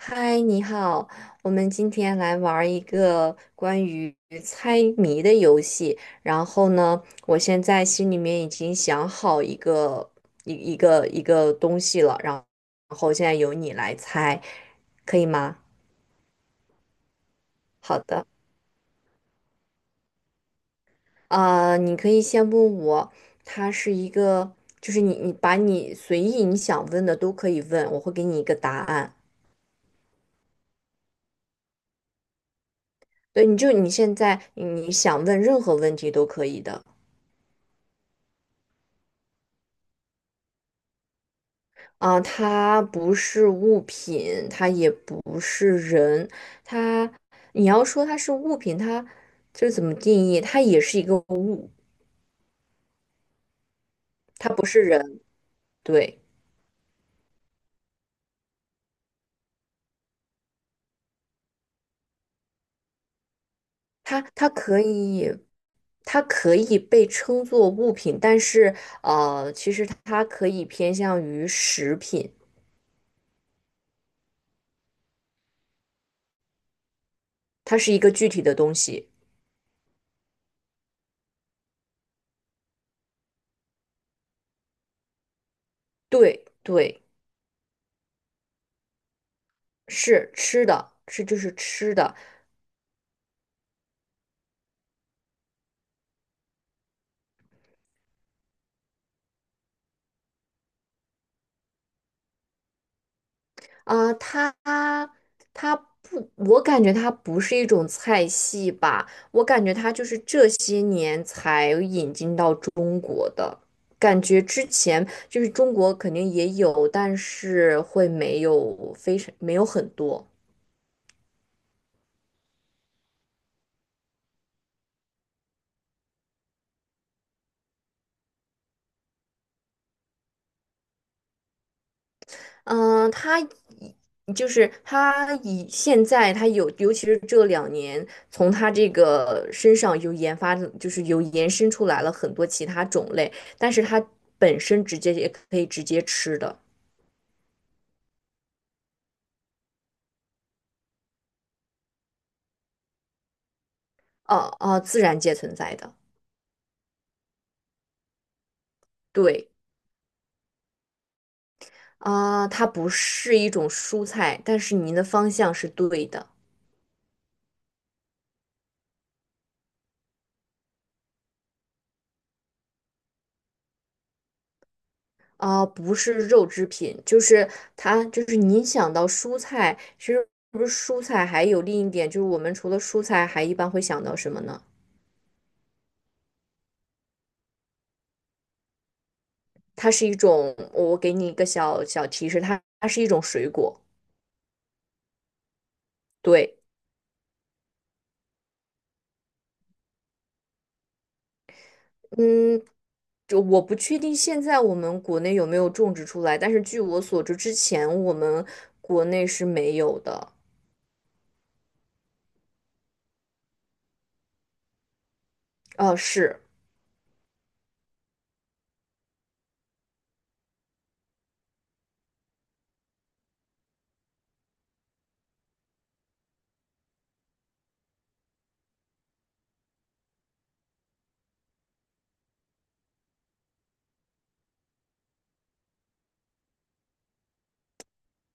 嗨，你好，我们今天来玩儿一个关于猜谜的游戏。然后呢，我现在心里面已经想好一个东西了，然后现在由你来猜，可以吗？好的。你可以先问我，它是一个，就是你把你随意你想问的都可以问，我会给你一个答案。对，你现在想问任何问题都可以的。啊，它不是物品，它也不是人。它，你要说它是物品，它就是怎么定义？它也是一个物，它不是人。对，它，它可以，它可以被称作物品，但是，其实它可以偏向于食品。它是一个具体的东西。对对，是吃的，就是吃的。啊，它它不，我感觉它不是一种菜系吧，我感觉它就是这些年才引进到中，感觉之前就是中国肯定也有，但是会没有非常没有很多。嗯，它以就是它以现在它有，尤其是这两年，从它这个身上有研发，就是有延伸出来了很多其他种类，但是它本身直接也可以直接吃的。哦哦，自然界存在的。对啊，它不是一种蔬菜，但是您的方向是对的。啊，不是肉制品，就是它，您想到蔬菜，其实不是蔬菜，还有另一点就是我们除了蔬菜，还一般会想到什么呢？它是一种，我给你一个小小提示，它是一种水果。对，嗯。就我不确定现在我们国内有没有种植出来，但是据我所知，之前我们国内是没有的。哦，是。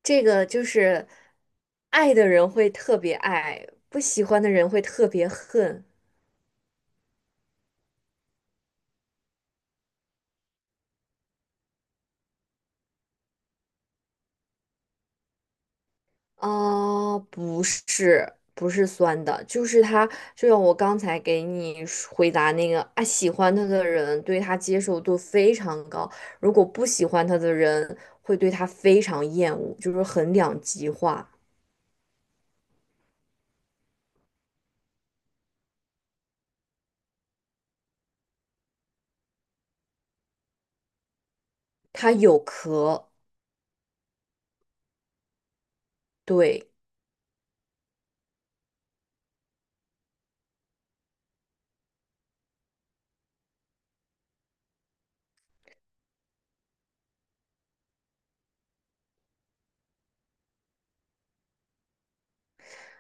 这个，就是爱的人会特别爱，不喜欢的人会特别恨。啊，不是，不是酸的，就是他，就像我刚才给你说回答那个啊，喜欢他的人对他接受度非常高，如果不喜欢他的人会对他非常厌恶，就是很两极化。它有壳。对。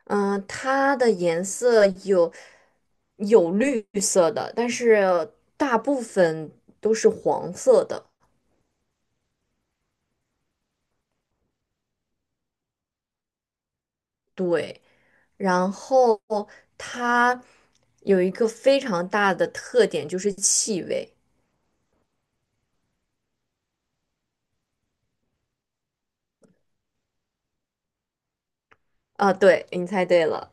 嗯，它的颜色有。有绿色的，但是大部分都是黄色的。对。然后它有一个非常大的特点，就是气味。啊，对，你猜对了。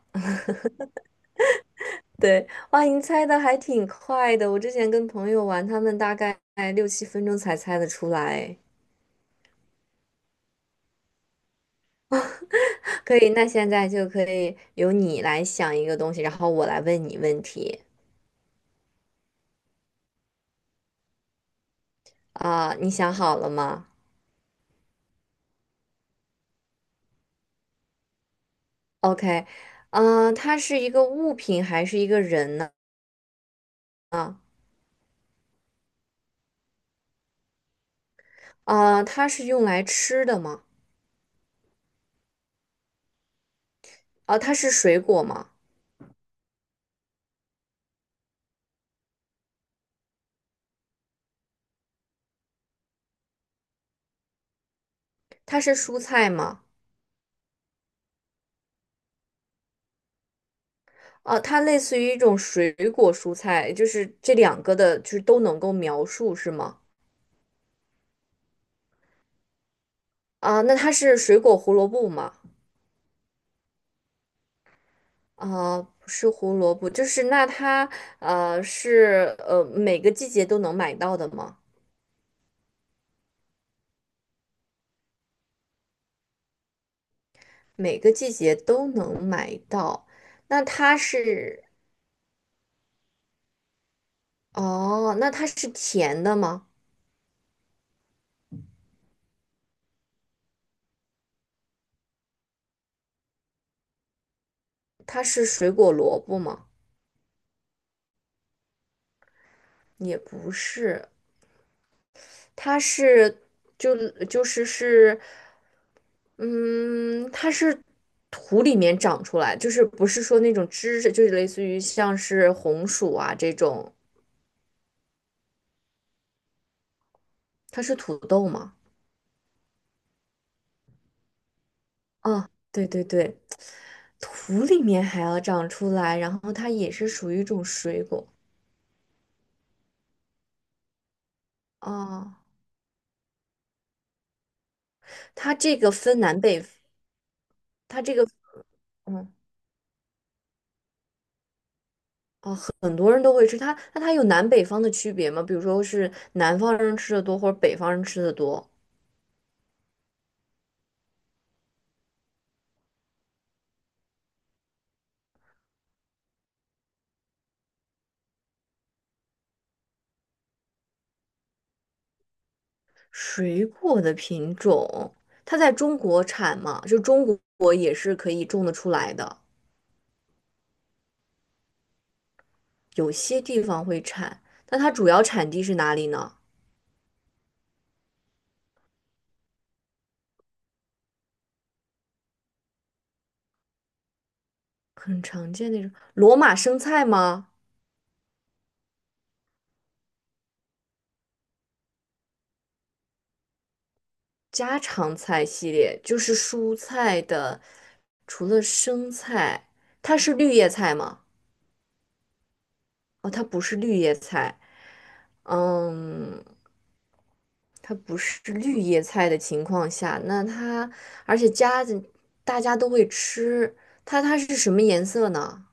对，哇，你猜的还挺快的。我之前跟朋友玩，他们大概6、7分钟才猜得出来。可以，那现在就可以由你来想一个东西，然后我来问你问题。啊，你想好了吗？OK，它是一个物品还是一个人呢？啊，它是用来吃的吗？啊，它是水果吗？它是蔬菜吗？啊，它类似于一种水果蔬菜，就是这两个的，就是都能够描述是吗？啊，那它是水果胡萝卜吗？啊，不是胡萝卜，就是那它是每个季节都能买到的吗？每个季节都能买到，那它是。哦，那它是甜的吗？它是水果萝卜吗？也不是。它是就就是是，嗯，它是土里面长出来，就是不是说那种枝就是类似于像是红薯啊这种。它是土豆吗？啊，对对对，土里面还要长出来，然后它也是属于一种水果。哦，它这个分南北。它这个，嗯，哦，很多人都会吃它，那它有南北方的区别吗？比如说是南方人吃的多，或者北方人吃的多？水果的品种，它在中国产吗？就中国也是可以种得出来的。有些地方会产，那它主要产地是哪里呢？很常见那种罗马生菜吗？家常菜系列就是蔬菜的，除了生菜，它是绿叶菜吗？哦，它不是绿叶菜。嗯，它不是绿叶菜的情况下，那它而且夹子大家都会吃，它是什么颜色呢？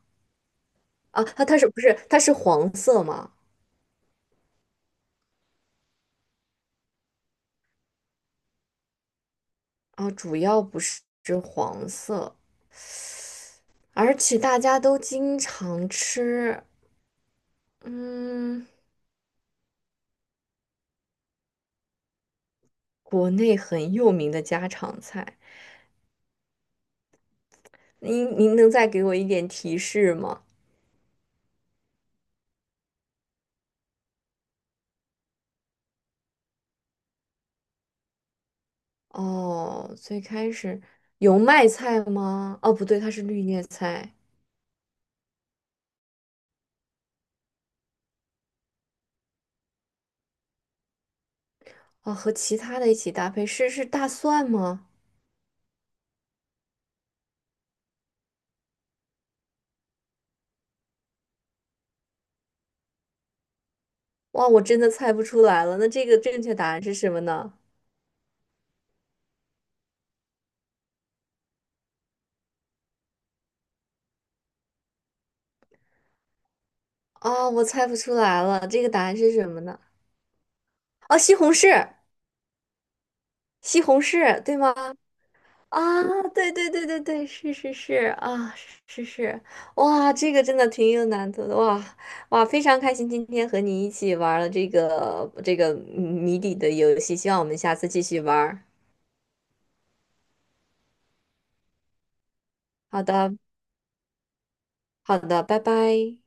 啊，它它是不是它是黄色吗？啊，主要不是黄色，而且大家都经常吃。嗯，国内很有名的家常菜。您能再给我一点提示吗？哦，最开始油麦菜吗？哦，不对，它是绿叶菜。哦，和其他的一起搭配是大蒜吗？哇，我真的猜不出来了。那这个正确答案是什么呢？啊，我猜不出来了。这个答案是什么呢？哦，西红柿。西红柿，对吗？啊，对对对对对，是是是啊，是是。哇，这个真的挺有难度的哇哇，非常开心今天和你一起玩了这个谜底的游戏，希望我们下次继续玩儿。好的。好的，拜拜。